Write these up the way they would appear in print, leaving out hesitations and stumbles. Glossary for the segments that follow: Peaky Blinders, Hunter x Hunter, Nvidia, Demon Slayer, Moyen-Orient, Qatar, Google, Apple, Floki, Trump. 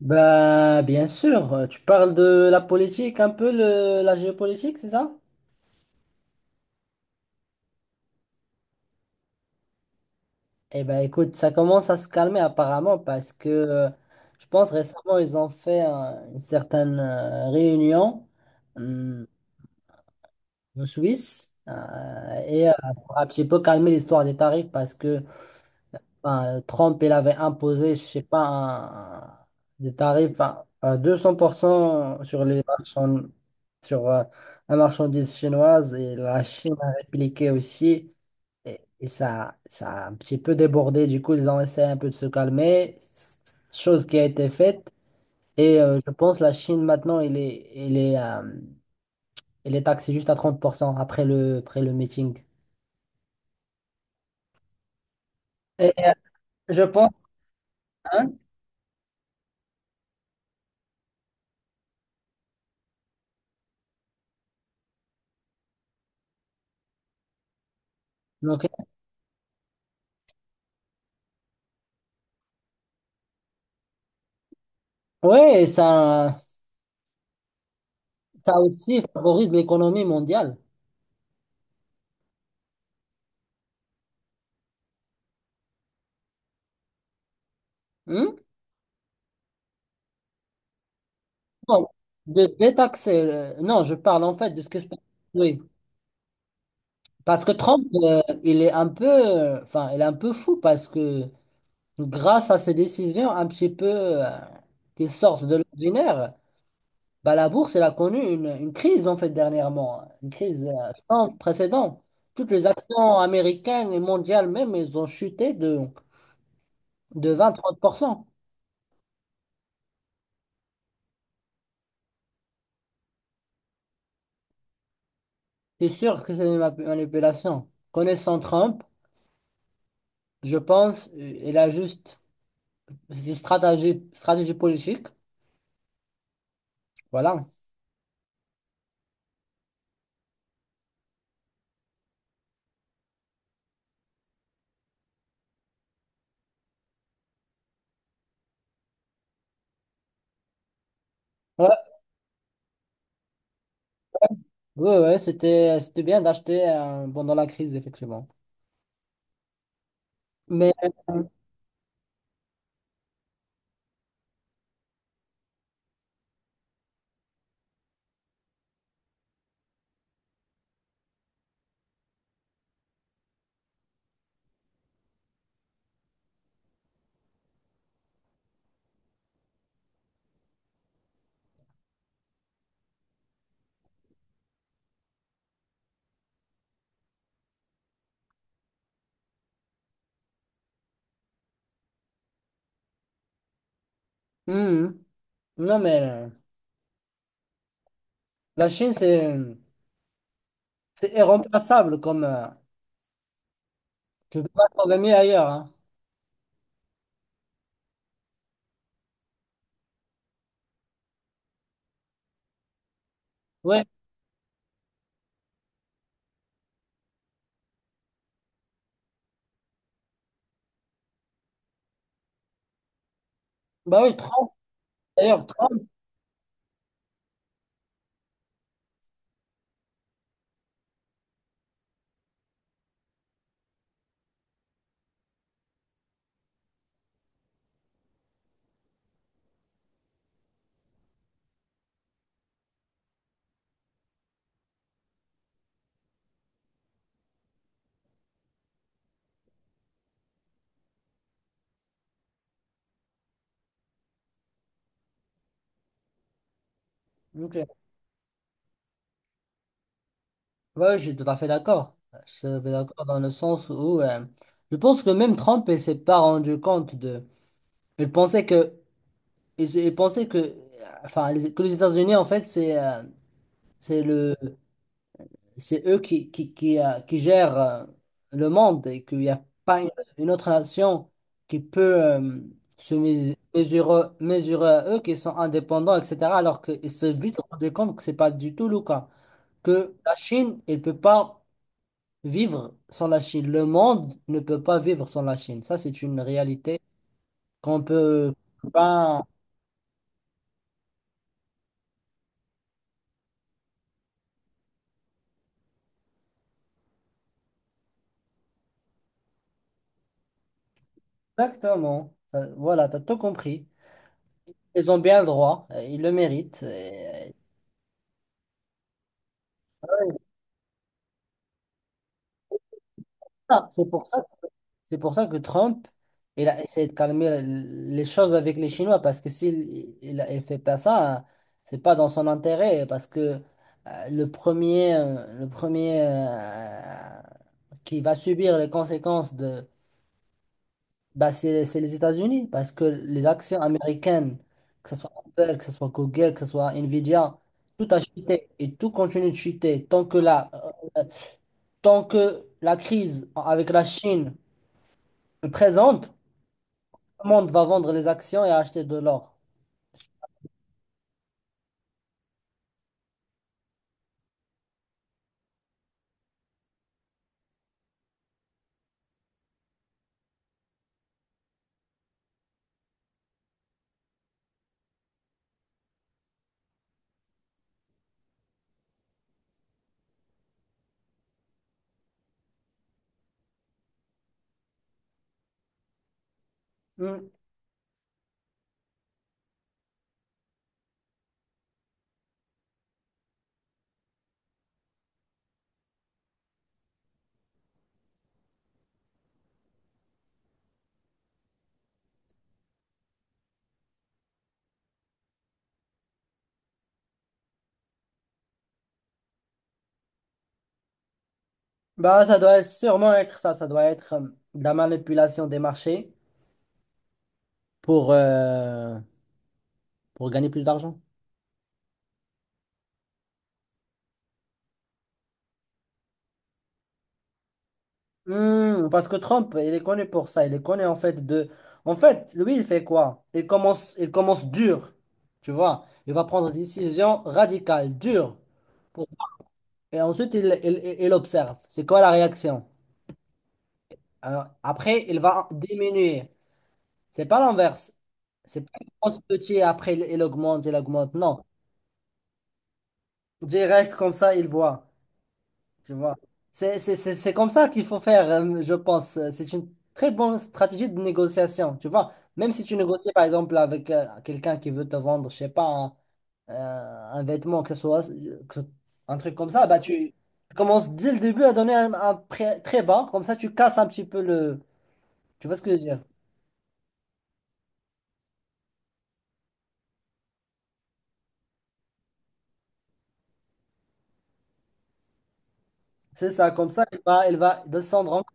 Bien sûr, tu parles de la politique, la géopolitique, c'est ça? Eh ben écoute, ça commence à se calmer apparemment parce que je pense récemment, ils ont fait une certaine réunion euh, en Suisse et euh, pour un petit peu calmer l'histoire des tarifs parce que enfin, Trump, il avait imposé, je sais pas, des tarifs à 200% sur les marchands, sur la marchandise chinoise et la Chine a répliqué aussi. Et ça, ça a un petit peu débordé. Du coup, ils ont essayé un peu de se calmer, chose qui a été faite. Et je pense la Chine maintenant, il est taxé juste à 30% après après le meeting. Et, euh, je pense, hein, donc, ouais, ça. Ça aussi favorise l'économie mondiale. Hmm? Bon, de détaxer. Non, je parle en fait de ce que je parle. Oui. Parce que Trump, il est un peu, enfin, il est un peu fou parce que grâce à ses décisions un petit peu euh, qui sortent de l'ordinaire, bah, la bourse, elle a connu une crise en fait dernièrement, une crise sans précédent. Toutes les actions américaines et mondiales même, elles ont chuté de 20-30%. C'est sûr que c'est une manipulation. Connaissant Trump, je pense, c'est une stratégie politique, voilà. Ouais, ouais, ouais, c'était bien d'acheter pendant la crise, effectivement. Mais, euh, hum, non, mais la Chine, c'est irremplaçable comme, tu peux pas trouver mieux ailleurs, hein. Ouais, bah oui, Trump, ok. Ouais, je suis tout à fait d'accord. Je suis tout à fait d'accord dans le sens où, je pense que même Trump, il s'est pas rendu compte de, il pensait que ils pensaient que, enfin, que les États-Unis, en fait, c'est le, c'est eux qui qui gèrent le monde et qu'il n'y a pas une autre nation qui peut se mesurer à eux, qui sont indépendants, etc. Alors qu'ils se sont vite rendus compte que c'est pas du tout le cas. Que la Chine, elle ne peut pas vivre sans la Chine. Le monde ne peut pas vivre sans la Chine. Ça, c'est une réalité qu'on peut pas. Exactement. Voilà, tu as tout compris. Ils ont bien le droit, ils le méritent. Ah, c'est pour ça, c'est pour ça que Trump, il a essayé de calmer les choses avec les Chinois, parce que il fait pas ça, hein, c'est pas dans son intérêt, parce que le premier qui va subir les conséquences de, bah, c'est les États-Unis, parce que les actions américaines, que ce soit Apple, que ce soit Google, que ce soit Nvidia, tout a chuté et tout continue de chuter tant que là. Tant que la crise avec la Chine est présente, tout le monde va vendre les actions et acheter de l'or. Hmm. Bah, ça doit sûrement être ça. Ça doit être de la manipulation des marchés pour, euh, pour gagner plus d'argent. Hmm, parce que Trump, il est connu pour ça. Il est connu en fait de... En fait, lui, il fait quoi? Il commence dur. Tu vois, il va prendre des décisions radicales, dures. pour- Et ensuite, il observe. C'est quoi la réaction? Après, il va diminuer. C'est pas l'inverse. C'est pas il commence petit et après il augmente, il augmente. Non. Direct comme ça, il voit. Tu vois. C'est comme ça qu'il faut faire, je pense. C'est une très bonne stratégie de négociation. Tu vois. Même si tu négocies, par exemple, avec quelqu'un qui veut te vendre, je sais pas, euh, un vêtement, que ce soit que ce- un truc comme ça, bah tu commences dès le début à donner un prix très bas. Comme ça, tu casses un petit peu le. Tu vois ce que je veux dire? C'est ça, comme ça, elle va descendre encore.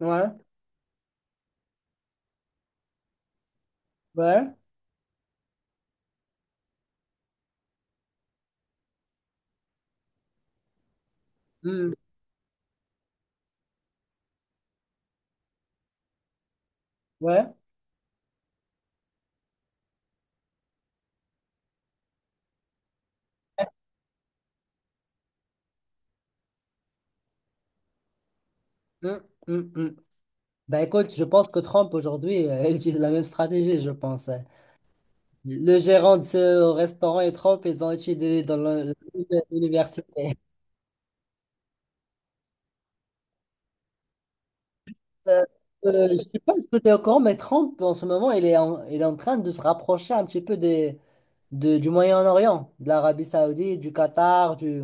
Ouais, ouais, hmm, ouais. Hmm, hmm, hmm. Ben écoute, je pense que Trump aujourd'hui, il utilise la même stratégie, je pense. Hein. Le gérant de ce restaurant et Trump, ils ont étudié dans l'université. Euh, je sais pas si tu es au courant, mais Trump, en ce moment, il est en train de se rapprocher un petit peu des, du Moyen-Orient, de l'Arabie Saoudite, du Qatar, du...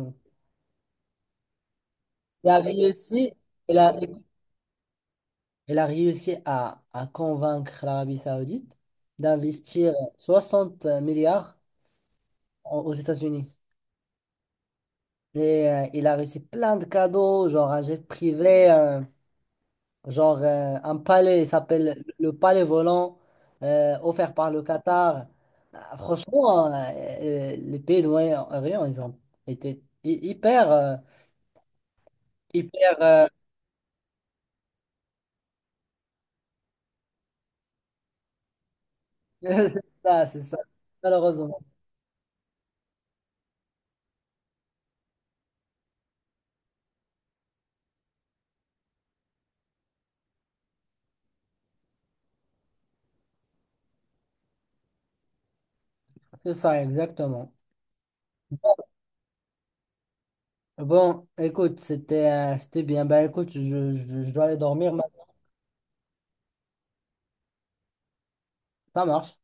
Il a réussi, il a, Elle a réussi à convaincre l'Arabie Saoudite d'investir 60 milliards aux États-Unis. Et il a reçu plein de cadeaux, genre un jet privé, genre un palais, il s'appelle le palais volant, offert par le Qatar. Ah, franchement, les pays de Moyen-Orient, ils ont été hyper, hyper, euh, c'est ça, malheureusement. C'est ça, exactement. Bon, écoute, c'était c'était bien. Ben écoute, je dois aller dormir maintenant. Ça marche.